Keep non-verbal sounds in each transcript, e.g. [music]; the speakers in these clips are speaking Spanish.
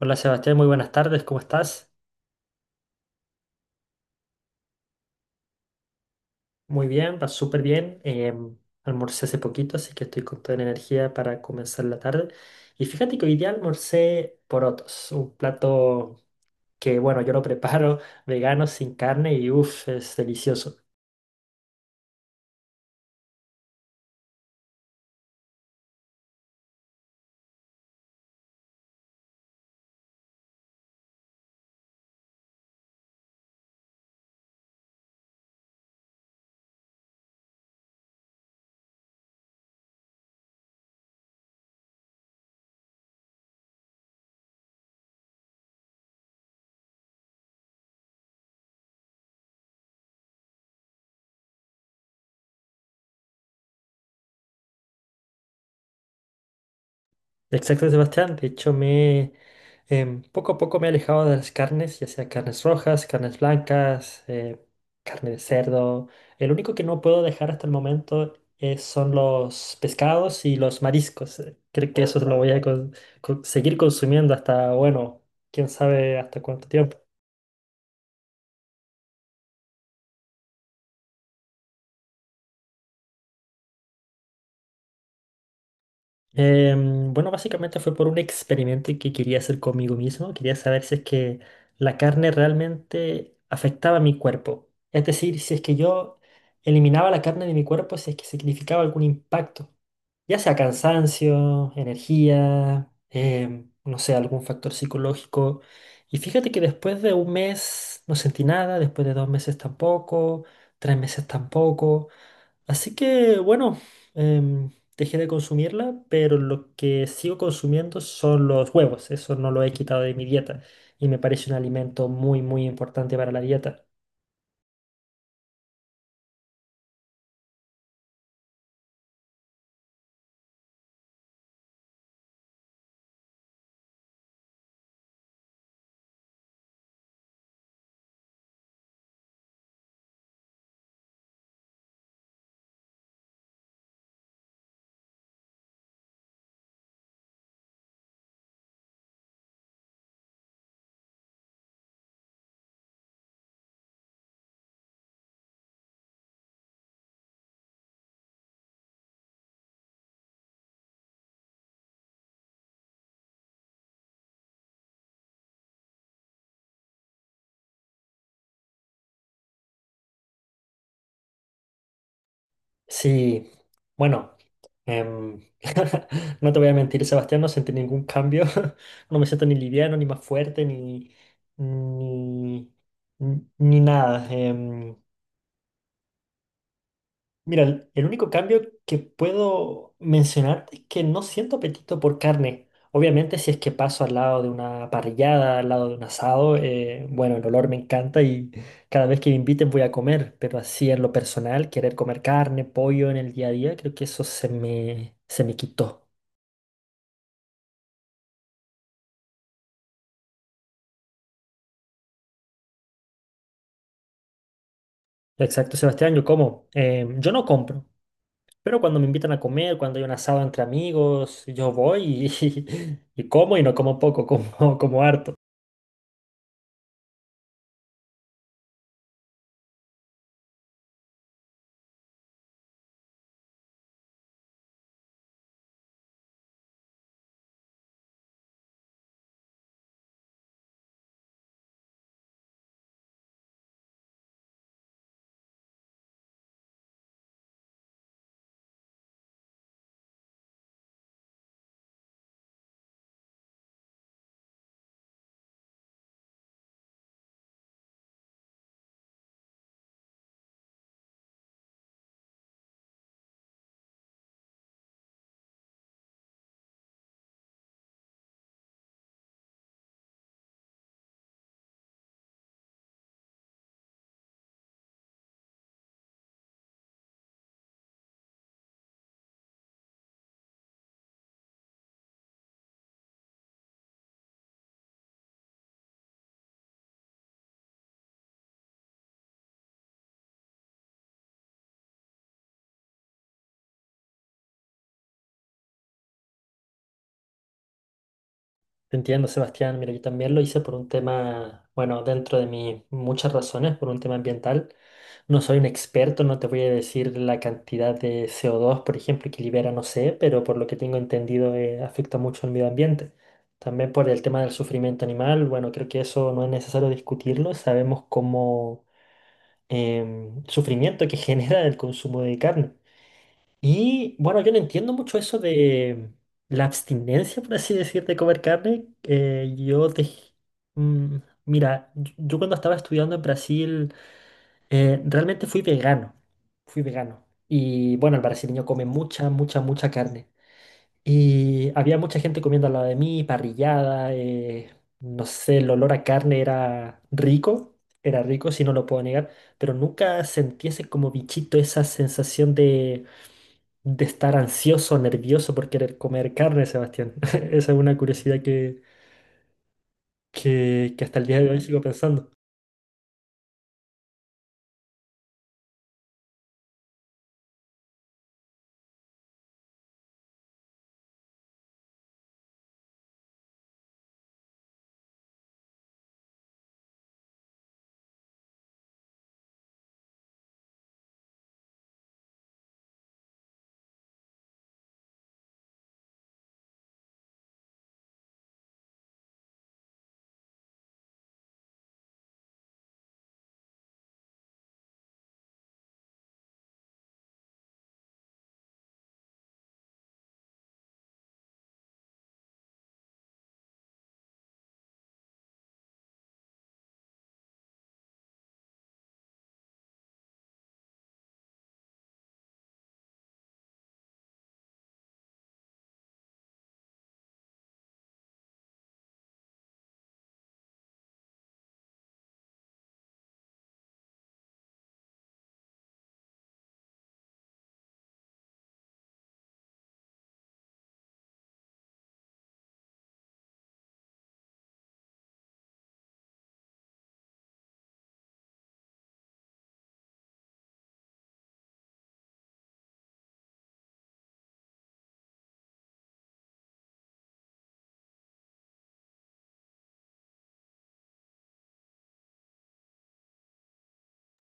Hola Sebastián, muy buenas tardes, ¿cómo estás? Muy bien, va súper bien. Almorcé hace poquito, así que estoy con toda la energía para comenzar la tarde. Y fíjate que hoy día almorcé porotos, un plato que, bueno, yo lo [laughs] preparo vegano, sin carne y uff, es delicioso. Exacto, Sebastián. De hecho, poco a poco me he alejado de las carnes, ya sea carnes rojas, carnes blancas, carne de cerdo. El único que no puedo dejar hasta el momento son los pescados y los mariscos. Creo que eso lo voy a seguir consumiendo hasta, bueno, quién sabe hasta cuánto tiempo. Bueno, básicamente fue por un experimento que quería hacer conmigo mismo. Quería saber si es que la carne realmente afectaba a mi cuerpo. Es decir, si es que yo eliminaba la carne de mi cuerpo, si es que significaba algún impacto. Ya sea cansancio, energía, no sé, algún factor psicológico. Y fíjate que después de un mes no sentí nada, después de dos meses tampoco, tres meses tampoco. Así que bueno, em, dejé de consumirla, pero lo que sigo consumiendo son los huevos. Eso no lo he quitado de mi dieta y me parece un alimento muy, muy importante para la dieta. Sí, bueno, em, [laughs] no te voy a mentir, Sebastián, no sentí ningún cambio. [laughs] No me siento ni liviano, ni más fuerte, ni, ni nada. Mira, el único cambio que puedo mencionarte es que no siento apetito por carne. Obviamente, si es que paso al lado de una parrillada, al lado de un asado, bueno, el olor me encanta y cada vez que me inviten voy a comer, pero así en lo personal, querer comer carne, pollo en el día a día, creo que eso se me quitó. Exacto, Sebastián, yo como. Yo no compro, pero cuando me invitan a comer, cuando hay un asado entre amigos, yo voy y, [laughs] y como y no como poco, como, como harto. Te entiendo, Sebastián. Mira, yo también lo hice por un tema, bueno, dentro de mis muchas razones, por un tema ambiental. No soy un experto, no te voy a decir la cantidad de CO2, por ejemplo, que libera, no sé, pero por lo que tengo entendido, afecta mucho al medio ambiente. También por el tema del sufrimiento animal, bueno, creo que eso no es necesario discutirlo. Sabemos cómo sufrimiento que [laughs] genera el consumo de carne. Y bueno, yo no entiendo mucho eso de la abstinencia, por así decir, de comer carne. Mm, mira, yo cuando estaba estudiando en Brasil, realmente fui vegano. Fui vegano. Y bueno, el brasileño come mucha, mucha, mucha carne. Y había mucha gente comiendo al lado de mí, parrillada, no sé, el olor a carne era rico, si no lo puedo negar, pero nunca sentí ese como bichito, esa sensación de estar ansioso, nervioso por querer comer carne, Sebastián. [laughs] Esa es una curiosidad que hasta el día de hoy sigo pensando.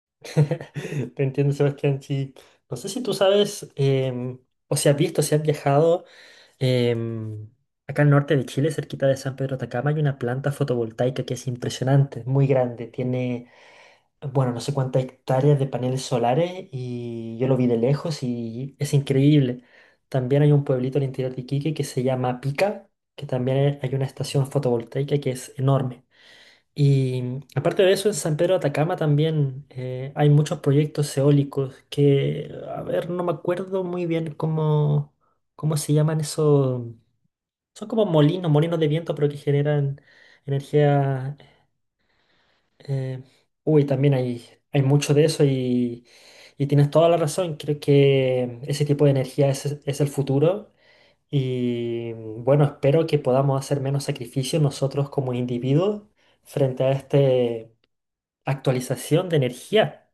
[laughs] Te entiendo, Sebastián. Sí. No sé si tú sabes, o si has visto, si has viajado, em, acá al norte de Chile, cerquita de San Pedro de Atacama, hay una planta fotovoltaica que es impresionante, muy grande. Tiene bueno, no sé cuántas hectáreas de paneles solares y yo lo vi de lejos y es increíble. También hay un pueblito al interior de Iquique que se llama Pica, que también hay una estación fotovoltaica que es enorme. Y aparte de eso, en San Pedro de Atacama también hay muchos proyectos eólicos que, a ver, no me acuerdo muy bien cómo se llaman esos. Son como molinos, molinos de viento, pero que generan energía eh, también hay mucho de eso y tienes toda la razón. Creo que ese tipo de energía es el futuro y bueno, espero que podamos hacer menos sacrificios nosotros como individuos frente a esta actualización de energía.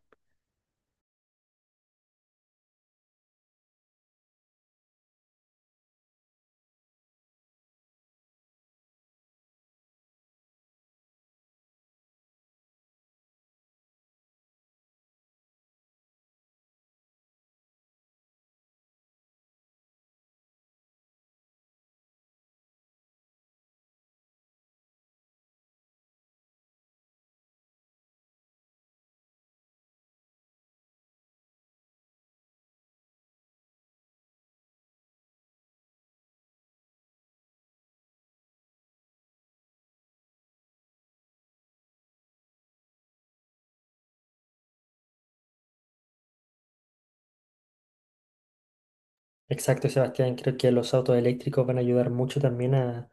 Exacto, Sebastián. Creo que los autos eléctricos van a ayudar mucho también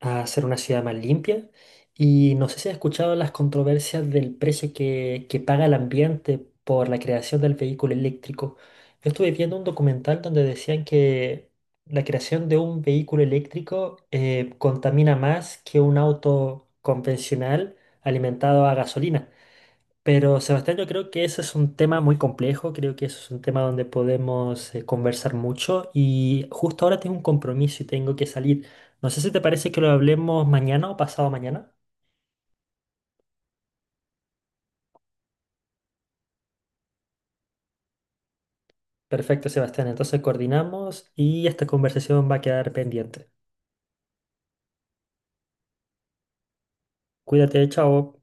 a ser una ciudad más limpia. Y no sé si has escuchado las controversias del precio que paga el ambiente por la creación del vehículo eléctrico. Yo estuve viendo un documental donde decían que la creación de un vehículo eléctrico contamina más que un auto convencional alimentado a gasolina. Pero Sebastián, yo creo que ese es un tema muy complejo, creo que eso es un tema donde podemos conversar mucho y justo ahora tengo un compromiso y tengo que salir. No sé si te parece que lo hablemos mañana o pasado mañana. Perfecto, Sebastián, entonces coordinamos y esta conversación va a quedar pendiente. Cuídate, chao.